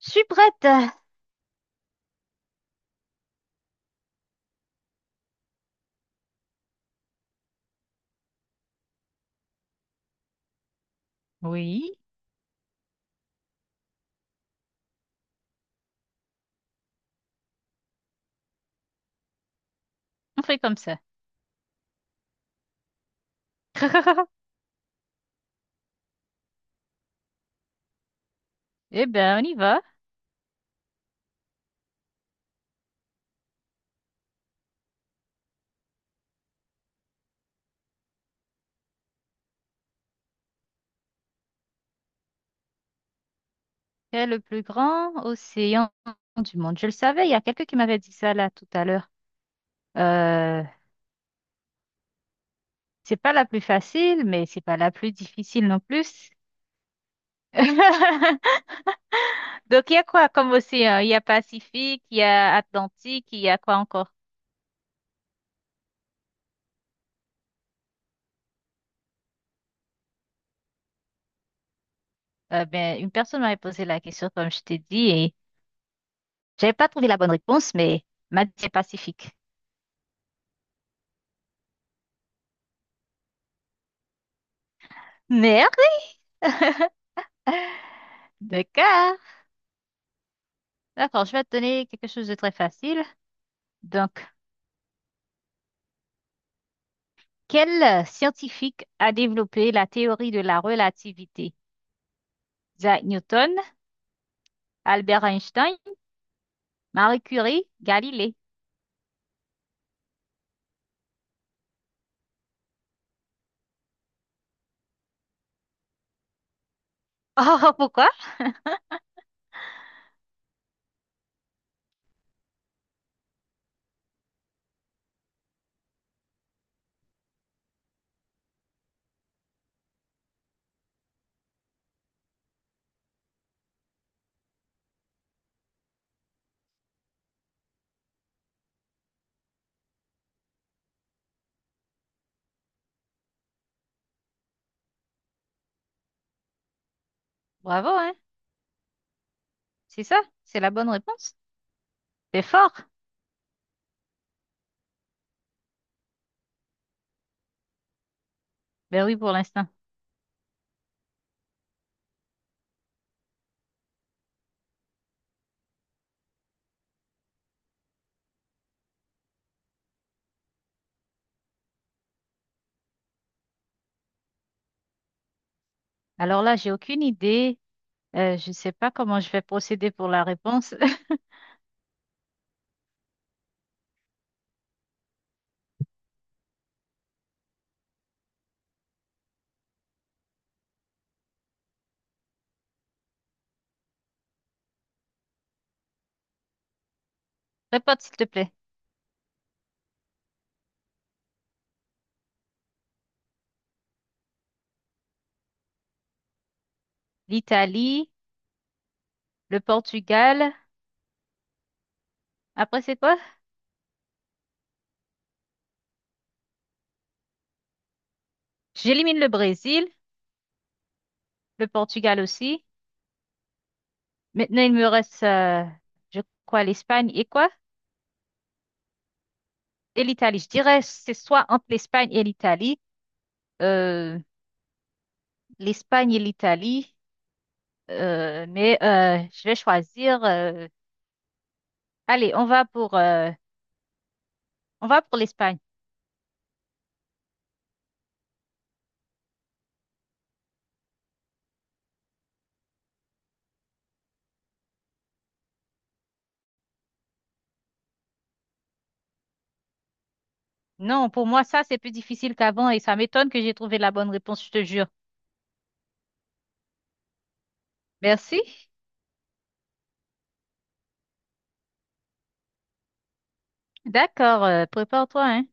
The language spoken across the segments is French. Je suis prête. Oui, on fait comme ça. Eh ben, on y va. Quel est le plus grand océan du monde? Je le savais, il y a quelqu'un qui m'avait dit ça là tout à l'heure. Euh, c'est pas la plus facile, mais c'est pas la plus difficile non plus. Donc, il y a quoi comme océan? Il y a Pacifique, il y a Atlantique, il y a quoi encore? Une personne m'avait posé la question, comme je t'ai dit, et j'avais pas trouvé la bonne réponse, mais m'a dit Pacifique. Merde! D'accord. D'accord, je vais te donner quelque chose de très facile. Donc, quel scientifique a développé la théorie de la relativité? Isaac Newton, Albert Einstein, Marie Curie, Galilée. Oh, pourquoi? Bravo, hein? C'est ça, c'est la bonne réponse. C'est fort. Ben oui, pour l'instant. Alors là, j'ai aucune idée. Je ne sais pas comment je vais procéder pour la réponse. Répète, s'il te plaît. L'Italie, le Portugal. Après, c'est quoi? J'élimine le Brésil, le Portugal aussi. Maintenant, il me reste, je crois, l'Espagne et quoi? Et l'Italie. Je dirais, c'est soit entre l'Espagne et l'Italie, euh, l'Espagne et l'Italie, je vais choisir. On va pour l'Espagne. Non, pour moi, ça, c'est plus difficile qu'avant et ça m'étonne que j'ai trouvé la bonne réponse, je te jure. Merci. D'accord, prépare-toi, hein.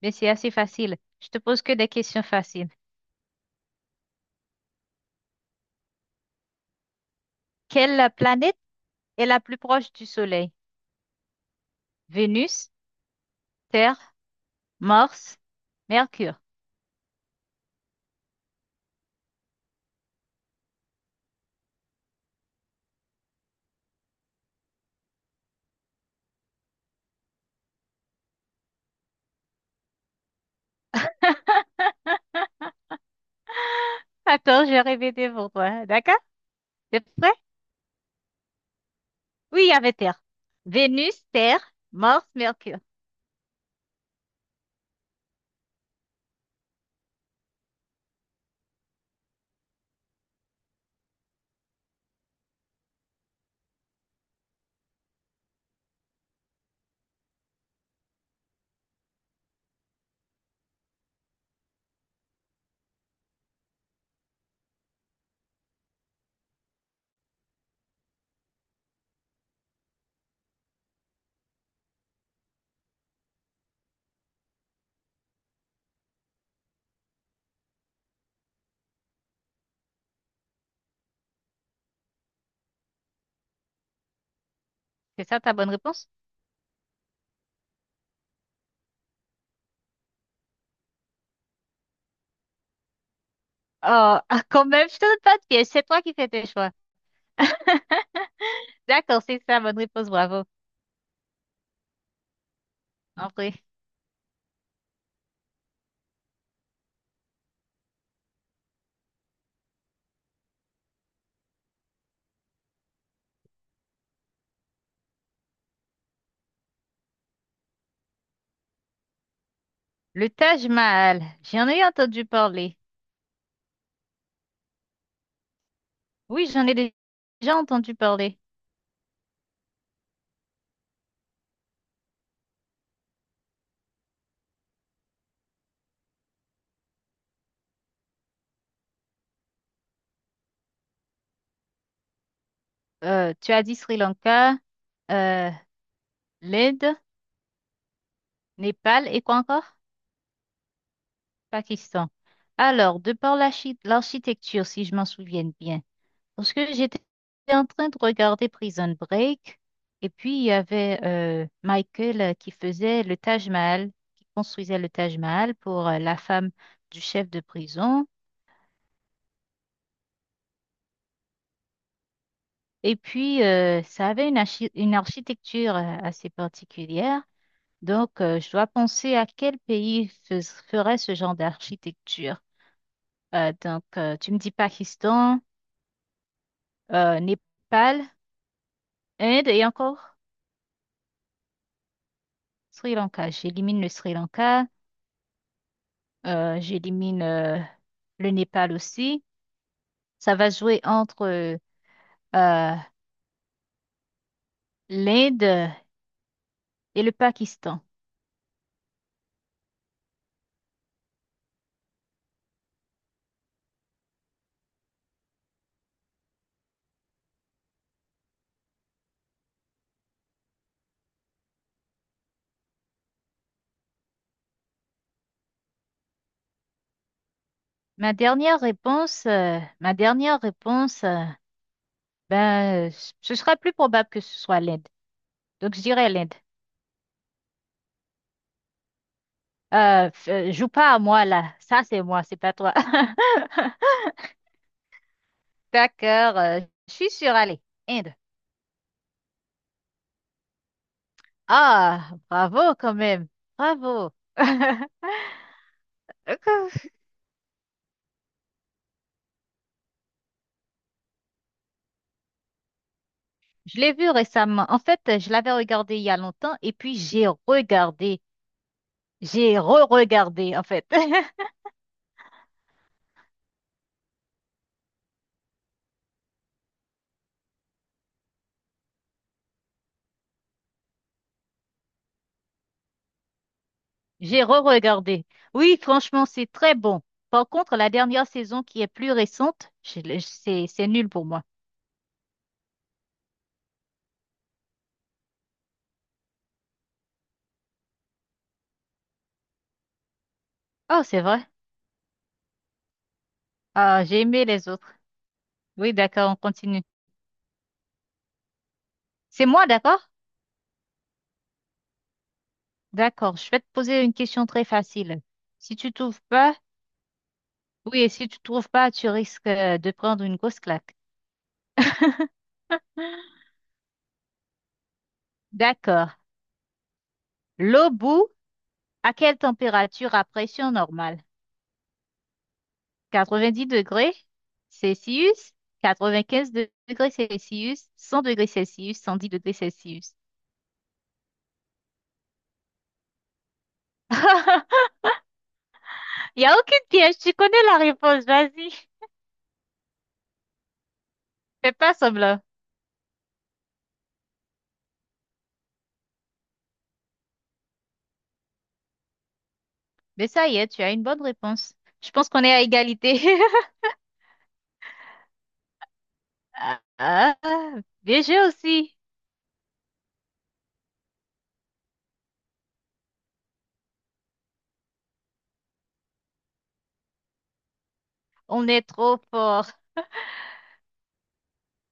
Mais c'est assez facile. Je te pose que des questions faciles. Quelle planète est la plus proche du Soleil? Vénus, Terre, Morse, Mercure. Attends, j'ai répété pour toi. D'accord? T'es prêt? Oui, il y avait Terre. Vénus, Terre, Morse, Mercure. C'est ça ta bonne réponse? Oh, ah, quand même, je te donne pas de piège. C'est toi qui fais tes choix. D'accord, c'est ça, bonne réponse, bravo. Après, le Taj Mahal, j'en ai entendu parler. Oui, j'en ai déjà entendu parler. Tu as dit Sri Lanka, euh, l'Inde, Népal et quoi encore? Pakistan. Alors, de par l'architecture, si je m'en souviens bien, parce que j'étais en train de regarder Prison Break, et puis il y avait Michael qui faisait le Taj Mahal, qui construisait le Taj Mahal pour la femme du chef de prison. Et puis, ça avait une architecture assez particulière. Donc, je dois penser à quel pays ferait ce genre d'architecture. Tu me dis Pakistan, Népal. Inde et encore Sri Lanka. J'élimine le Sri Lanka, j'élimine le Népal aussi. Ça va jouer entre euh, l'Inde et le Pakistan. Ma dernière réponse, ben, euh, ce sera plus probable que ce soit l'Inde. Donc, je dirais, joue pas à moi là. Ça, c'est moi, c'est pas toi. D'accord, je suis sûre. Allez, Inde. Ah, bravo quand même. Bravo. Je l'ai vu récemment. En fait, je l'avais regardé il y a longtemps et puis j'ai regardé. J'ai re-regardé, en fait. J'ai re-regardé. Oui, franchement, c'est très bon. Par contre, la dernière saison qui est plus récente, c'est nul pour moi. Oh, c'est vrai. Ah, j'ai aimé les autres. Oui, d'accord, on continue. C'est moi, d'accord? D'accord, je vais te poser une question très facile. Si tu trouves pas, oui, et si tu trouves pas, tu risques de prendre une grosse claque. D'accord. L'eau bout à quelle température à pression normale? 90 degrés Celsius, 95 degrés Celsius, 100 degrés Celsius, 110 degrés Celsius. Il n'y a aucune piège, tu connais la réponse, vas-y. Fais pas semblant. Mais ça y est, tu as une bonne réponse. Je pense qu'on est à égalité. Ah, bien joué aussi. On est trop fort.